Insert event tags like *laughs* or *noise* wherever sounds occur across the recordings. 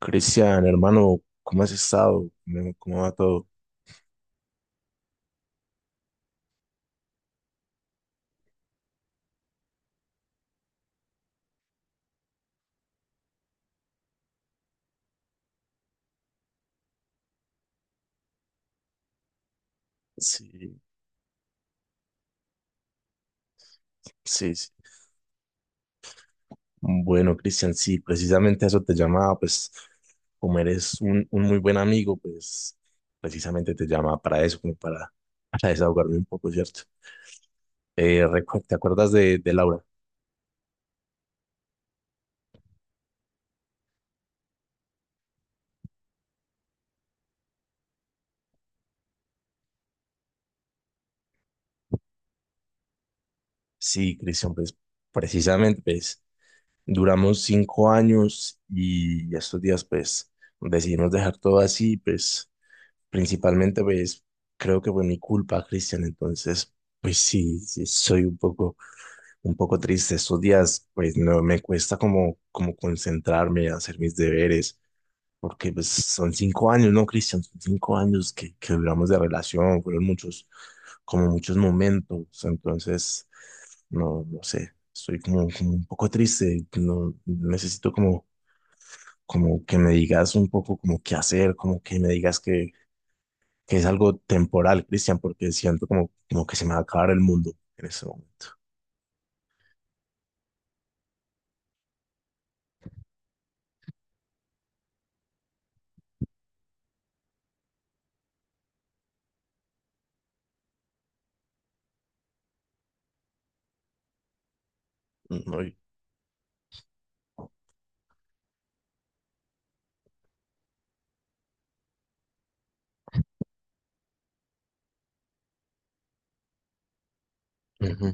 Cristian, hermano, ¿cómo has estado? ¿Cómo va todo? Sí, sí, sí. Bueno, Cristian, sí, precisamente a eso te llamaba, pues como eres un muy buen amigo, pues precisamente te llamaba para eso, como para, *laughs* para desahogarme un poco, ¿cierto? ¿Te acuerdas de Laura? Sí, Cristian, pues precisamente, pues duramos 5 años y estos días, pues decidimos dejar todo así, pues principalmente, pues, creo que fue mi culpa, Cristian. Entonces, pues sí, sí, soy un poco triste. Estos días, pues, no me cuesta como concentrarme, hacer mis deberes, porque pues son 5 años, ¿no, Cristian? Son 5 años que duramos de relación, fueron muchos, como muchos momentos. Entonces, no sé, estoy como, como un poco triste. No, necesito como, como que me digas un poco como qué hacer, como que me digas que es algo temporal, Cristian, porque siento como, como que se me va a acabar el mundo en ese momento. No, y- Ujú.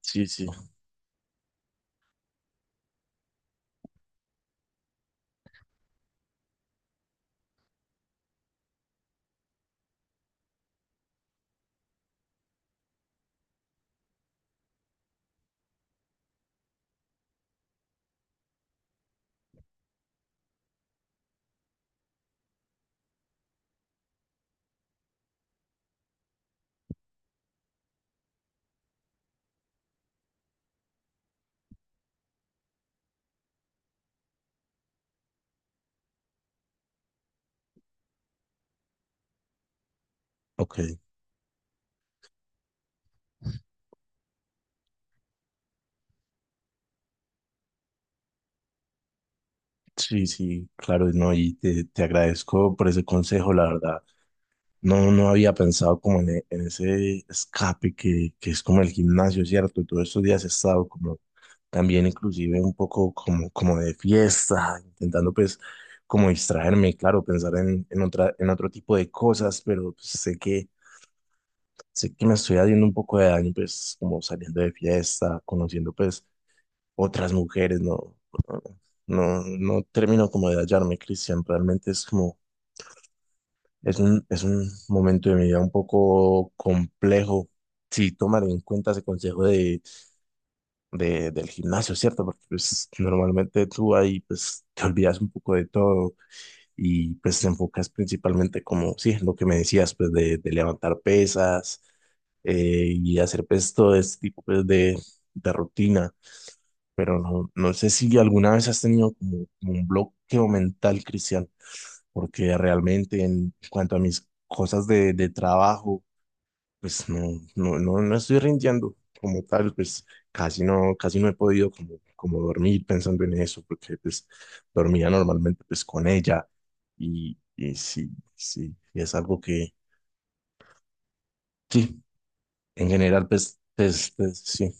Sí, sí. Ok, sí, sí, claro, no, y te agradezco por ese consejo, la verdad. No, no había pensado como en ese escape que es como el gimnasio, ¿cierto? Y todos estos días he estado como también inclusive un poco como, como de fiesta, intentando pues como distraerme, claro, pensar en otra, en otro tipo de cosas, pero pues, sé que me estoy haciendo un poco de daño, pues, como saliendo de fiesta, conociendo, pues, otras mujeres, no, no termino como de hallarme, Cristian, realmente es como, es un momento de mi vida un poco complejo, si tomar en cuenta ese consejo de, del gimnasio, ¿cierto? Porque, pues, normalmente tú ahí, pues, te olvidas un poco de todo, y pues te enfocas principalmente como, sí, lo que me decías, pues de levantar pesas, y hacer pues todo este tipo pues de rutina, pero no, no sé si alguna vez has tenido como, como un bloqueo mental, Cristian, porque realmente en cuanto a mis cosas de trabajo, pues no, no, no estoy rindiendo como tal, pues casi no he podido como, como dormir pensando en eso, porque pues dormía normalmente pues con ella y sí, sí, y es algo que, sí, en general pues, pues, sí.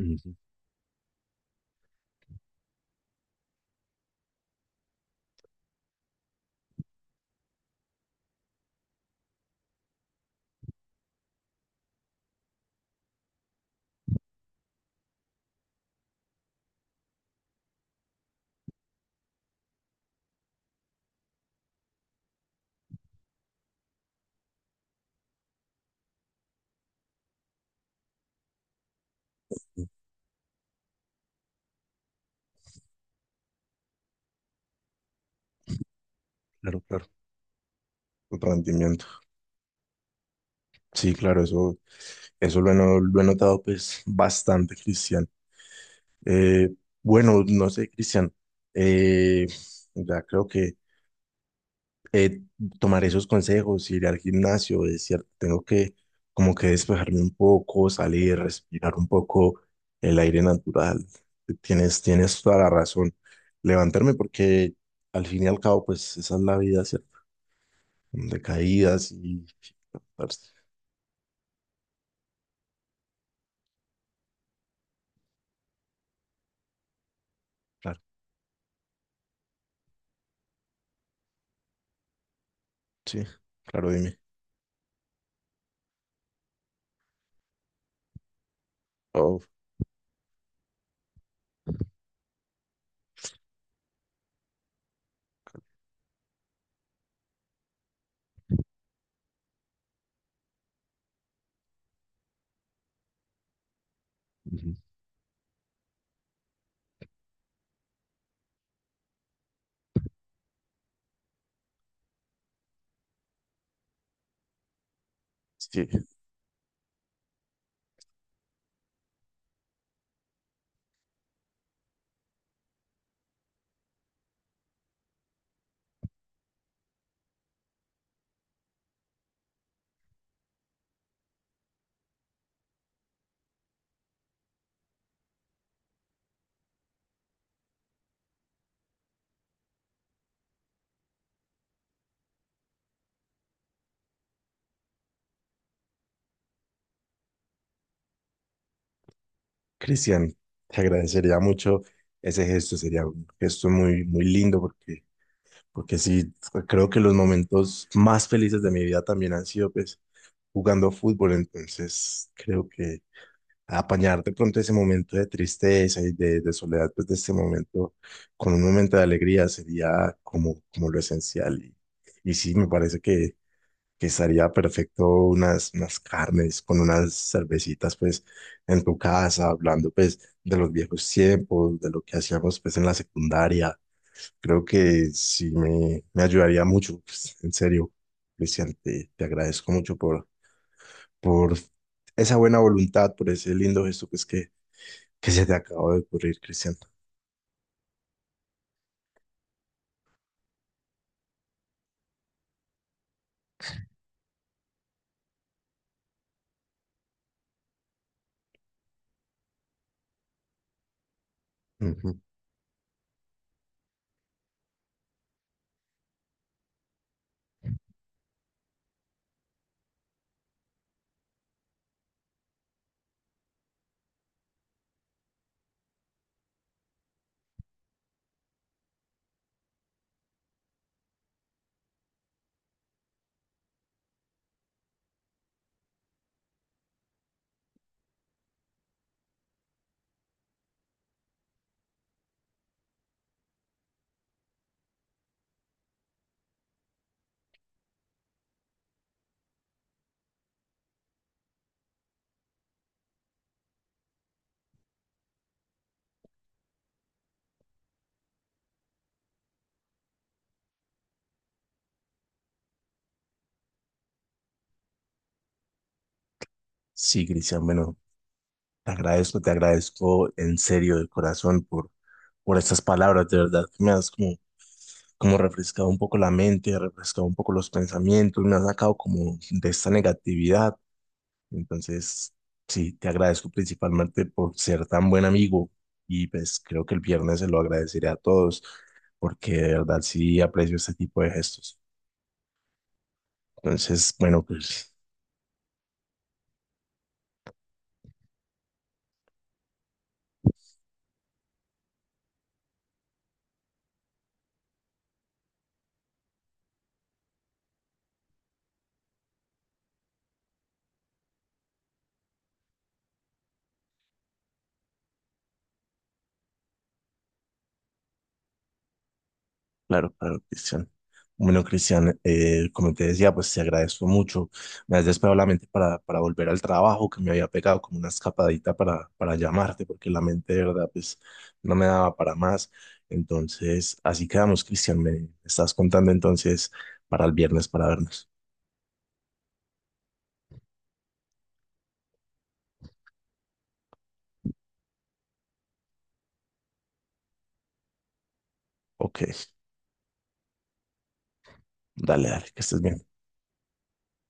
Ujú. Claro, claro. Rendimiento. Sí, claro, eso lo he, no- lo he notado pues bastante, Cristian. Eh, bueno, no sé, Cristian, eh, ya creo que eh, tomaré esos consejos, iré al gimnasio, es cierto, tengo que como que despejarme un poco, salir, respirar un poco el aire natural. Tienes, tienes toda la razón. Levantarme porque al fin y al cabo, pues esa es la vida, ¿cierto? De caídas y... Claro, sí, claro, dime. Oh, ujú, sí. Cristian, te agradecería mucho ese gesto, sería un gesto muy, muy lindo porque, porque sí, creo que los momentos más felices de mi vida también han sido pues jugando fútbol, entonces creo que apañar de pronto ese momento de tristeza y de soledad, pues de este momento con un momento de alegría sería como, como lo esencial y sí, me parece que estaría perfecto unas, unas carnes con unas cervecitas pues en tu casa, hablando pues de los viejos tiempos, de lo que hacíamos pues en la secundaria. Creo que sí me ayudaría mucho, pues, en serio, Cristian, te agradezco mucho por esa buena voluntad, por ese lindo gesto pues que se te acabó de ocurrir, Cristian. Ujú. Sí, Cristian, bueno, te agradezco en serio de corazón por estas palabras, de verdad, que me das como como refrescado un poco la mente, refrescado un poco los pensamientos, me ha sacado como de esta negatividad. Entonces, sí, te agradezco principalmente por ser tan buen amigo y pues creo que el viernes se lo agradeceré a todos porque de verdad sí aprecio este tipo de gestos. Entonces, bueno, pues claro, claro, Cristian. Bueno, Cristian, como te decía, pues te agradezco mucho. Me has despejado la mente para volver al trabajo, que me había pegado como una escapadita para llamarte, porque la mente de verdad, pues no me daba para más. Entonces, así quedamos, Cristian. Me estás contando entonces para el viernes para vernos. Ok, dale, dale, que estés bien.